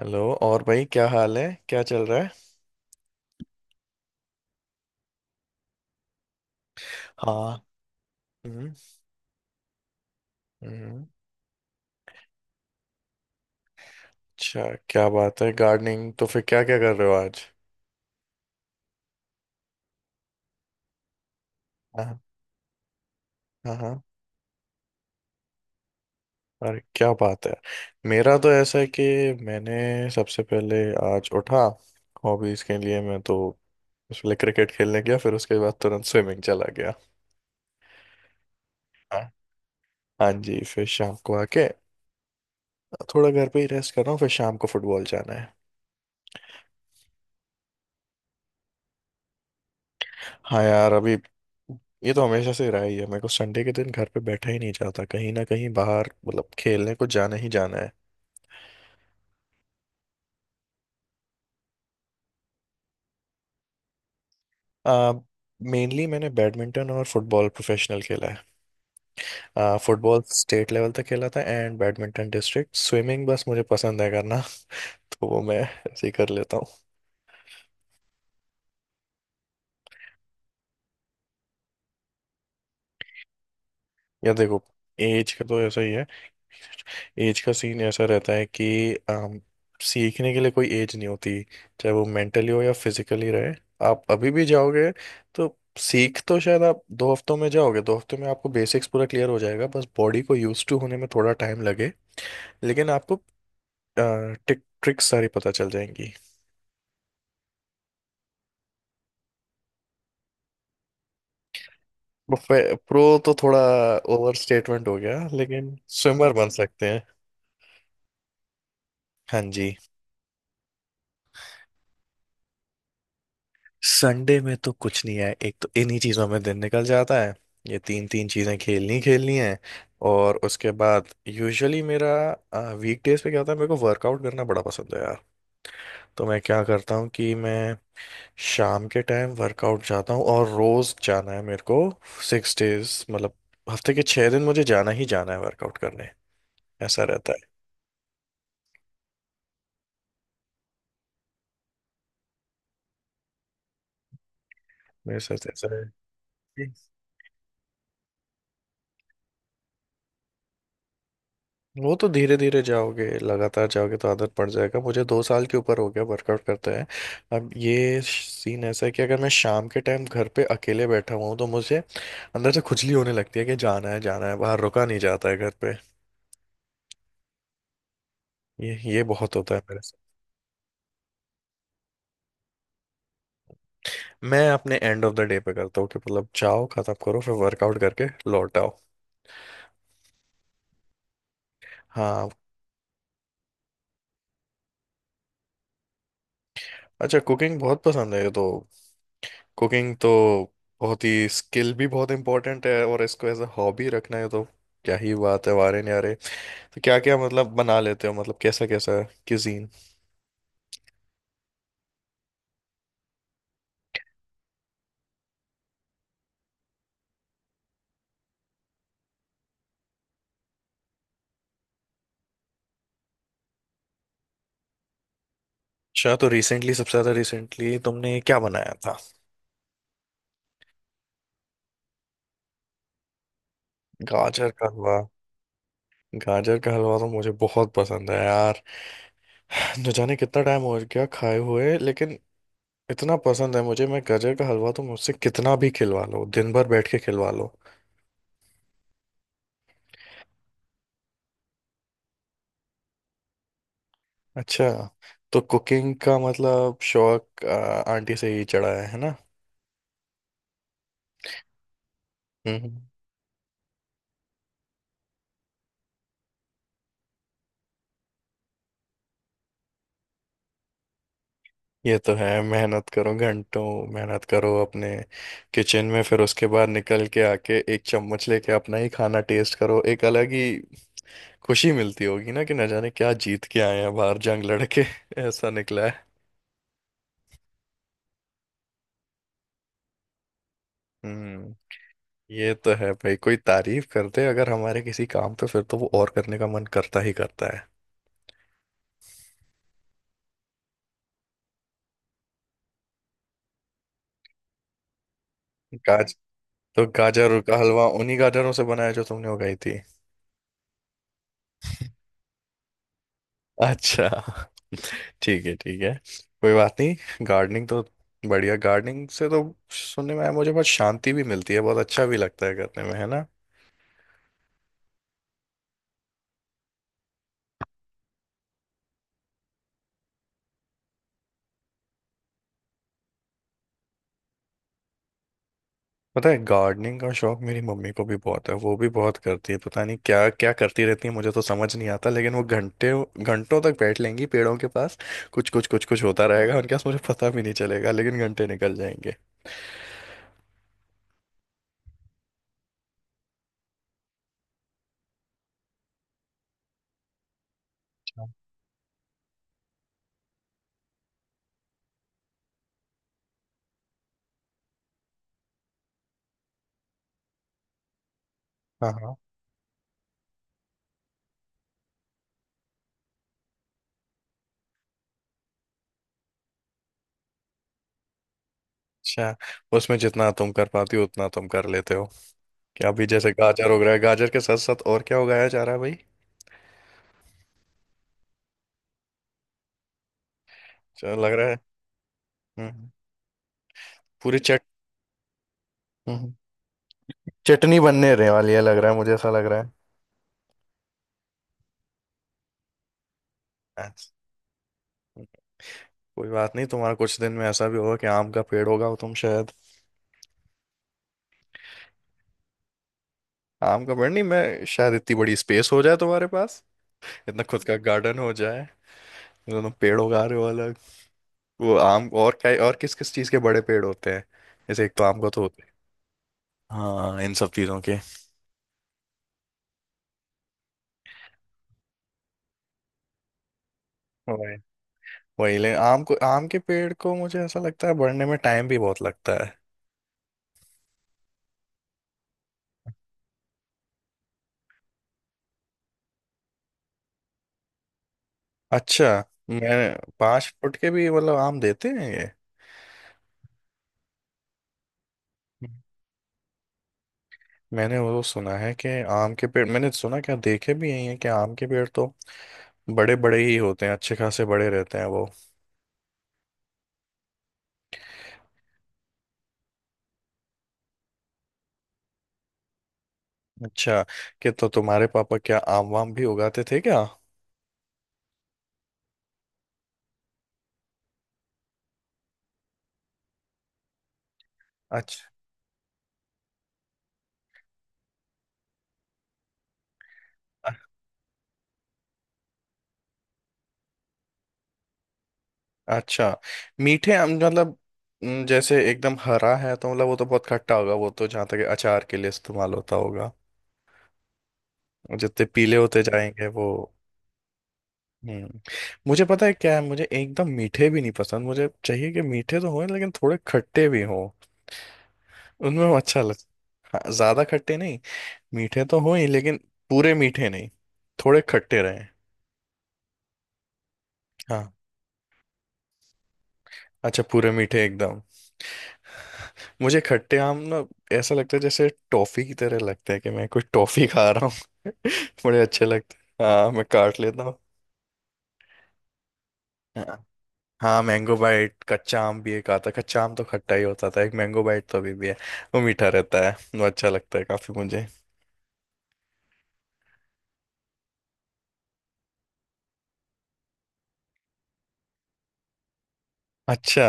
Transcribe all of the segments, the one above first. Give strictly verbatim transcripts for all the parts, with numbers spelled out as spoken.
Hello और भाई क्या हाल है। क्या चल रहा है? हाँ। हम्म। हम्म, अच्छा। क्या बात है, गार्डनिंग? तो फिर क्या क्या कर रहे हो आज? हाँ। हाँ हाँ। अरे क्या बात है! मेरा तो ऐसा है कि मैंने सबसे पहले आज उठा, हॉबीज के लिए मैं तो उसके लिए क्रिकेट खेलने गया, फिर उसके बाद तुरंत स्विमिंग चला गया। हाँ। हाँ जी, फिर शाम को आके थोड़ा घर पे ही रेस्ट कर रहा हूँ, फिर शाम को फुटबॉल जाना है। हाँ यार, अभी ये तो हमेशा से रहा ही है, मेरे को संडे के दिन घर पे बैठा ही नहीं जाता, कहीं ना कहीं बाहर मतलब खेलने को जाना ही जाना है। आ, मेनली मैंने बैडमिंटन और फुटबॉल प्रोफेशनल खेला है। आ, फुटबॉल स्टेट लेवल तक खेला था एंड बैडमिंटन डिस्ट्रिक्ट। स्विमिंग बस मुझे पसंद है करना तो वो मैं ऐसे ही कर लेता हूँ। या देखो, एज का तो ऐसा ही है, एज का सीन ऐसा रहता है कि अम, सीखने के लिए कोई एज नहीं होती, चाहे वो मेंटली हो या फिजिकली रहे। आप अभी भी जाओगे तो सीख तो शायद आप दो हफ्तों में जाओगे, दो हफ्तों में आपको बेसिक्स पूरा क्लियर हो जाएगा, बस बॉडी को यूज टू होने में थोड़ा टाइम लगे। लेकिन आपको टिक ट्रिक्स सारी पता चल जाएंगी। प्रो तो थोड़ा ओवर स्टेटमेंट हो गया, लेकिन स्विमर बन सकते हैं। हाँ जी। संडे में तो कुछ नहीं है, एक तो इन्हीं चीजों में दिन निकल जाता है, ये तीन तीन चीजें खेलनी खेलनी है। और उसके बाद यूजुअली मेरा वीक डेज पे क्या होता है, मेरे को वर्कआउट करना बड़ा पसंद है यार। तो मैं क्या करता हूँ कि मैं शाम के टाइम वर्कआउट जाता हूँ और रोज जाना है मेरे को। सिक्स डेज मतलब हफ्ते के छह दिन मुझे जाना ही जाना है वर्कआउट करने, ऐसा रहता है मेरे साथ ऐसा है। वो तो धीरे धीरे जाओगे लगातार जाओगे तो आदत पड़ जाएगा, मुझे दो साल के ऊपर हो गया वर्कआउट करते हैं। अब ये सीन ऐसा है कि अगर मैं शाम के टाइम घर पे अकेले बैठा हुआ हूँ तो मुझे अंदर से खुजली होने लगती है कि जाना है जाना है बाहर, रुका नहीं जाता है घर पे। ये ये बहुत होता है मेरे से। मैं अपने एंड ऑफ द डे पे करता हूँ कि मतलब जाओ खत्म करो फिर वर्कआउट करके लौट आओ। हाँ। अच्छा कुकिंग बहुत पसंद है, ये तो कुकिंग तो बहुत ही, स्किल भी बहुत इंपॉर्टेंट है और इसको एज अ हॉबी रखना है तो क्या ही बात है, वारे न्यारे। तो क्या क्या मतलब बना लेते हो, मतलब कैसा कैसा क्यूजीन? अच्छा तो रिसेंटली सबसे ज्यादा रिसेंटली तुमने क्या बनाया था? गाजर का हलवा। गाजर का हलवा तो मुझे बहुत पसंद है यार, न जाने कितना टाइम हो गया खाए हुए, लेकिन इतना पसंद है मुझे, मैं गाजर का हलवा तो मुझसे कितना भी खिलवा लो, दिन भर बैठ के खिलवा लो। अच्छा तो कुकिंग का मतलब शौक आ, आंटी से ही चढ़ा है है ना? हम्म हम्म। ये तो है, मेहनत करो घंटों, मेहनत करो अपने किचन में, फिर उसके बाद निकल के आके एक चम्मच लेके अपना ही खाना टेस्ट करो, एक अलग ही खुशी मिलती होगी ना, कि न जाने क्या जीत के आए हैं बाहर जंग लड़के ऐसा निकला है। हम्म। ये तो है भाई, कोई तारीफ करते अगर हमारे किसी काम पे, फिर तो वो और करने का मन करता ही करता है। गाज तो गाजर का हलवा उन्हीं गाजरों से बनाया जो तुमने उगाई थी? अच्छा, ठीक है ठीक है, कोई बात नहीं। गार्डनिंग तो बढ़िया, गार्डनिंग से तो सुनने में आया मुझे बहुत शांति भी मिलती है, बहुत अच्छा भी लगता है करने में, है ना? पता है गार्डनिंग का शौक मेरी मम्मी को भी बहुत है, वो भी बहुत करती है, पता नहीं क्या क्या करती रहती है, मुझे तो समझ नहीं आता, लेकिन वो घंटे घंटों तक बैठ लेंगी पेड़ों के पास, कुछ कुछ कुछ कुछ होता रहेगा उनके पास, मुझे पता भी नहीं चलेगा लेकिन घंटे निकल जाएंगे। अच्छा। हाँ हाँ। अच्छा उसमें जितना तुम कर पाती हो उतना तुम कर लेते हो क्या, अभी जैसे गाजर उग रहा है, गाजर के साथ साथ और क्या उगाया जा रहा है भाई? चल लग रहा है। हम्म हम्म। पूरी चट हम्म, चटनी बनने रहने वाली है लग रहा है, मुझे ऐसा लग रहा है। अच्छा, कोई बात नहीं, तुम्हारा कुछ दिन में ऐसा भी होगा कि आम का पेड़ होगा और तुम शायद। आम का पेड़ नहीं, मैं शायद इतनी बड़ी स्पेस हो जाए तुम्हारे पास, इतना खुद का गार्डन हो जाए, मतलब तुम पेड़ उगा रहे हो अलग, वो आम और क्या और किस किस चीज के बड़े पेड़ होते हैं? जैसे एक तो आम का तो होते हैं। हाँ इन सब चीजों के। वही ले आम को, आम के पेड़ को मुझे ऐसा लगता है बढ़ने में टाइम भी बहुत लगता है। अच्छा मैं पांच फुट के भी मतलब आम देते हैं ये? मैंने वो सुना है कि आम के पेड़, मैंने सुना क्या देखे भी यही है कि आम के पेड़ तो बड़े बड़े ही होते हैं, अच्छे खासे बड़े रहते हैं वो। अच्छा, कि तो तुम्हारे पापा क्या आम वाम भी उगाते थे क्या? अच्छा। अच्छा मीठे आम मतलब, हम्म, जैसे एकदम हरा है तो मतलब वो तो बहुत खट्टा होगा, वो तो जहाँ तक अचार के लिए इस्तेमाल होता होगा, जितने पीले होते हम्म। जाएंगे वो। हम्म। मुझे पता है क्या है, मुझे एकदम मीठे भी नहीं पसंद, मुझे चाहिए कि मीठे तो हों लेकिन थोड़े खट्टे भी हों, उनमें वो अच्छा लग। हाँ, ज्यादा खट्टे नहीं, मीठे तो हों ही लेकिन पूरे मीठे नहीं, थोड़े खट्टे रहें। हाँ अच्छा, पूरे मीठे एकदम। मुझे खट्टे आम ना ऐसा लगता है जैसे टॉफी की तरह लगता है, कि मैं कुछ टॉफी खा रहा हूँ बड़े अच्छे लगते हैं। हाँ मैं काट लेता हूँ। हाँ मैंगो बाइट, कच्चा आम भी एक आता है, कच्चा आम तो खट्टा ही होता था, एक मैंगो बाइट तो अभी भी है, वो मीठा रहता है, वो अच्छा लगता है काफी मुझे। अच्छा,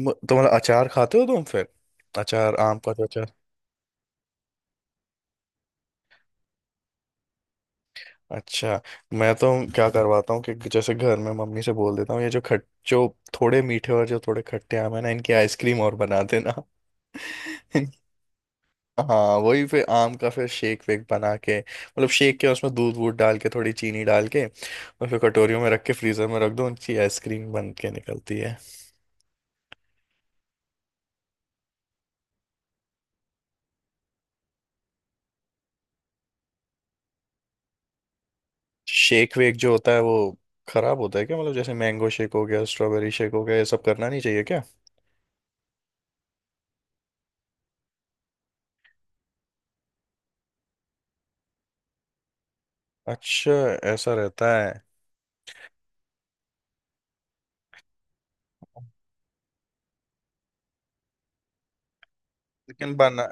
म- तो मतलब अचार खाते हो तुम फिर, अचार आम का जो अचार। अच्छा मैं तो क्या करवाता हूँ कि जैसे घर में मम्मी से बोल देता हूँ ये जो खट जो थोड़े मीठे और जो थोड़े खट्टे आम है ना, इनकी आइसक्रीम और बना देना हाँ, वही फिर आम का फिर शेक वेक बना के, मतलब शेक के उसमें दूध वूध डाल के, थोड़ी चीनी डाल के और फिर कटोरियों में रख के फ्रीजर में रख दो, उनकी आइसक्रीम बन के निकलती है। शेक वेक जो होता है वो खराब होता है क्या, मतलब जैसे मैंगो शेक हो गया, स्ट्रॉबेरी शेक हो गया, ये सब करना नहीं चाहिए क्या? अच्छा, ऐसा रहता है। लेकिन बना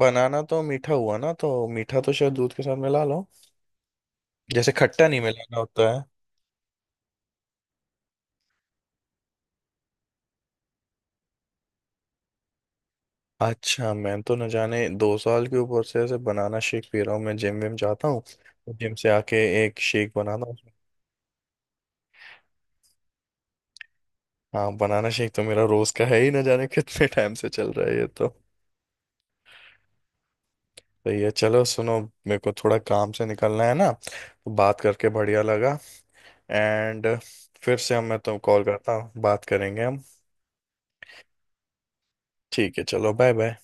बनाना तो मीठा हुआ ना, तो मीठा तो शायद दूध के साथ मिला लो, जैसे खट्टा नहीं मिलाना होता है। अच्छा मैं तो न जाने दो साल के ऊपर से ऐसे बनाना शेक पी रहा हूँ, मैं जिम विम जाता हूँ, जिम से आके एक शेक बनाता हूँ। हाँ बनाना शेक तो मेरा रोज का है ही, न जाने कितने टाइम से चल रहा है ये तो। तो ये चलो सुनो, मेरे को थोड़ा काम से निकलना है ना, तो बात करके बढ़िया लगा, एंड फिर से हम मैं तो कॉल करता हूँ, बात करेंगे हम। ठीक है, चलो बाय बाय।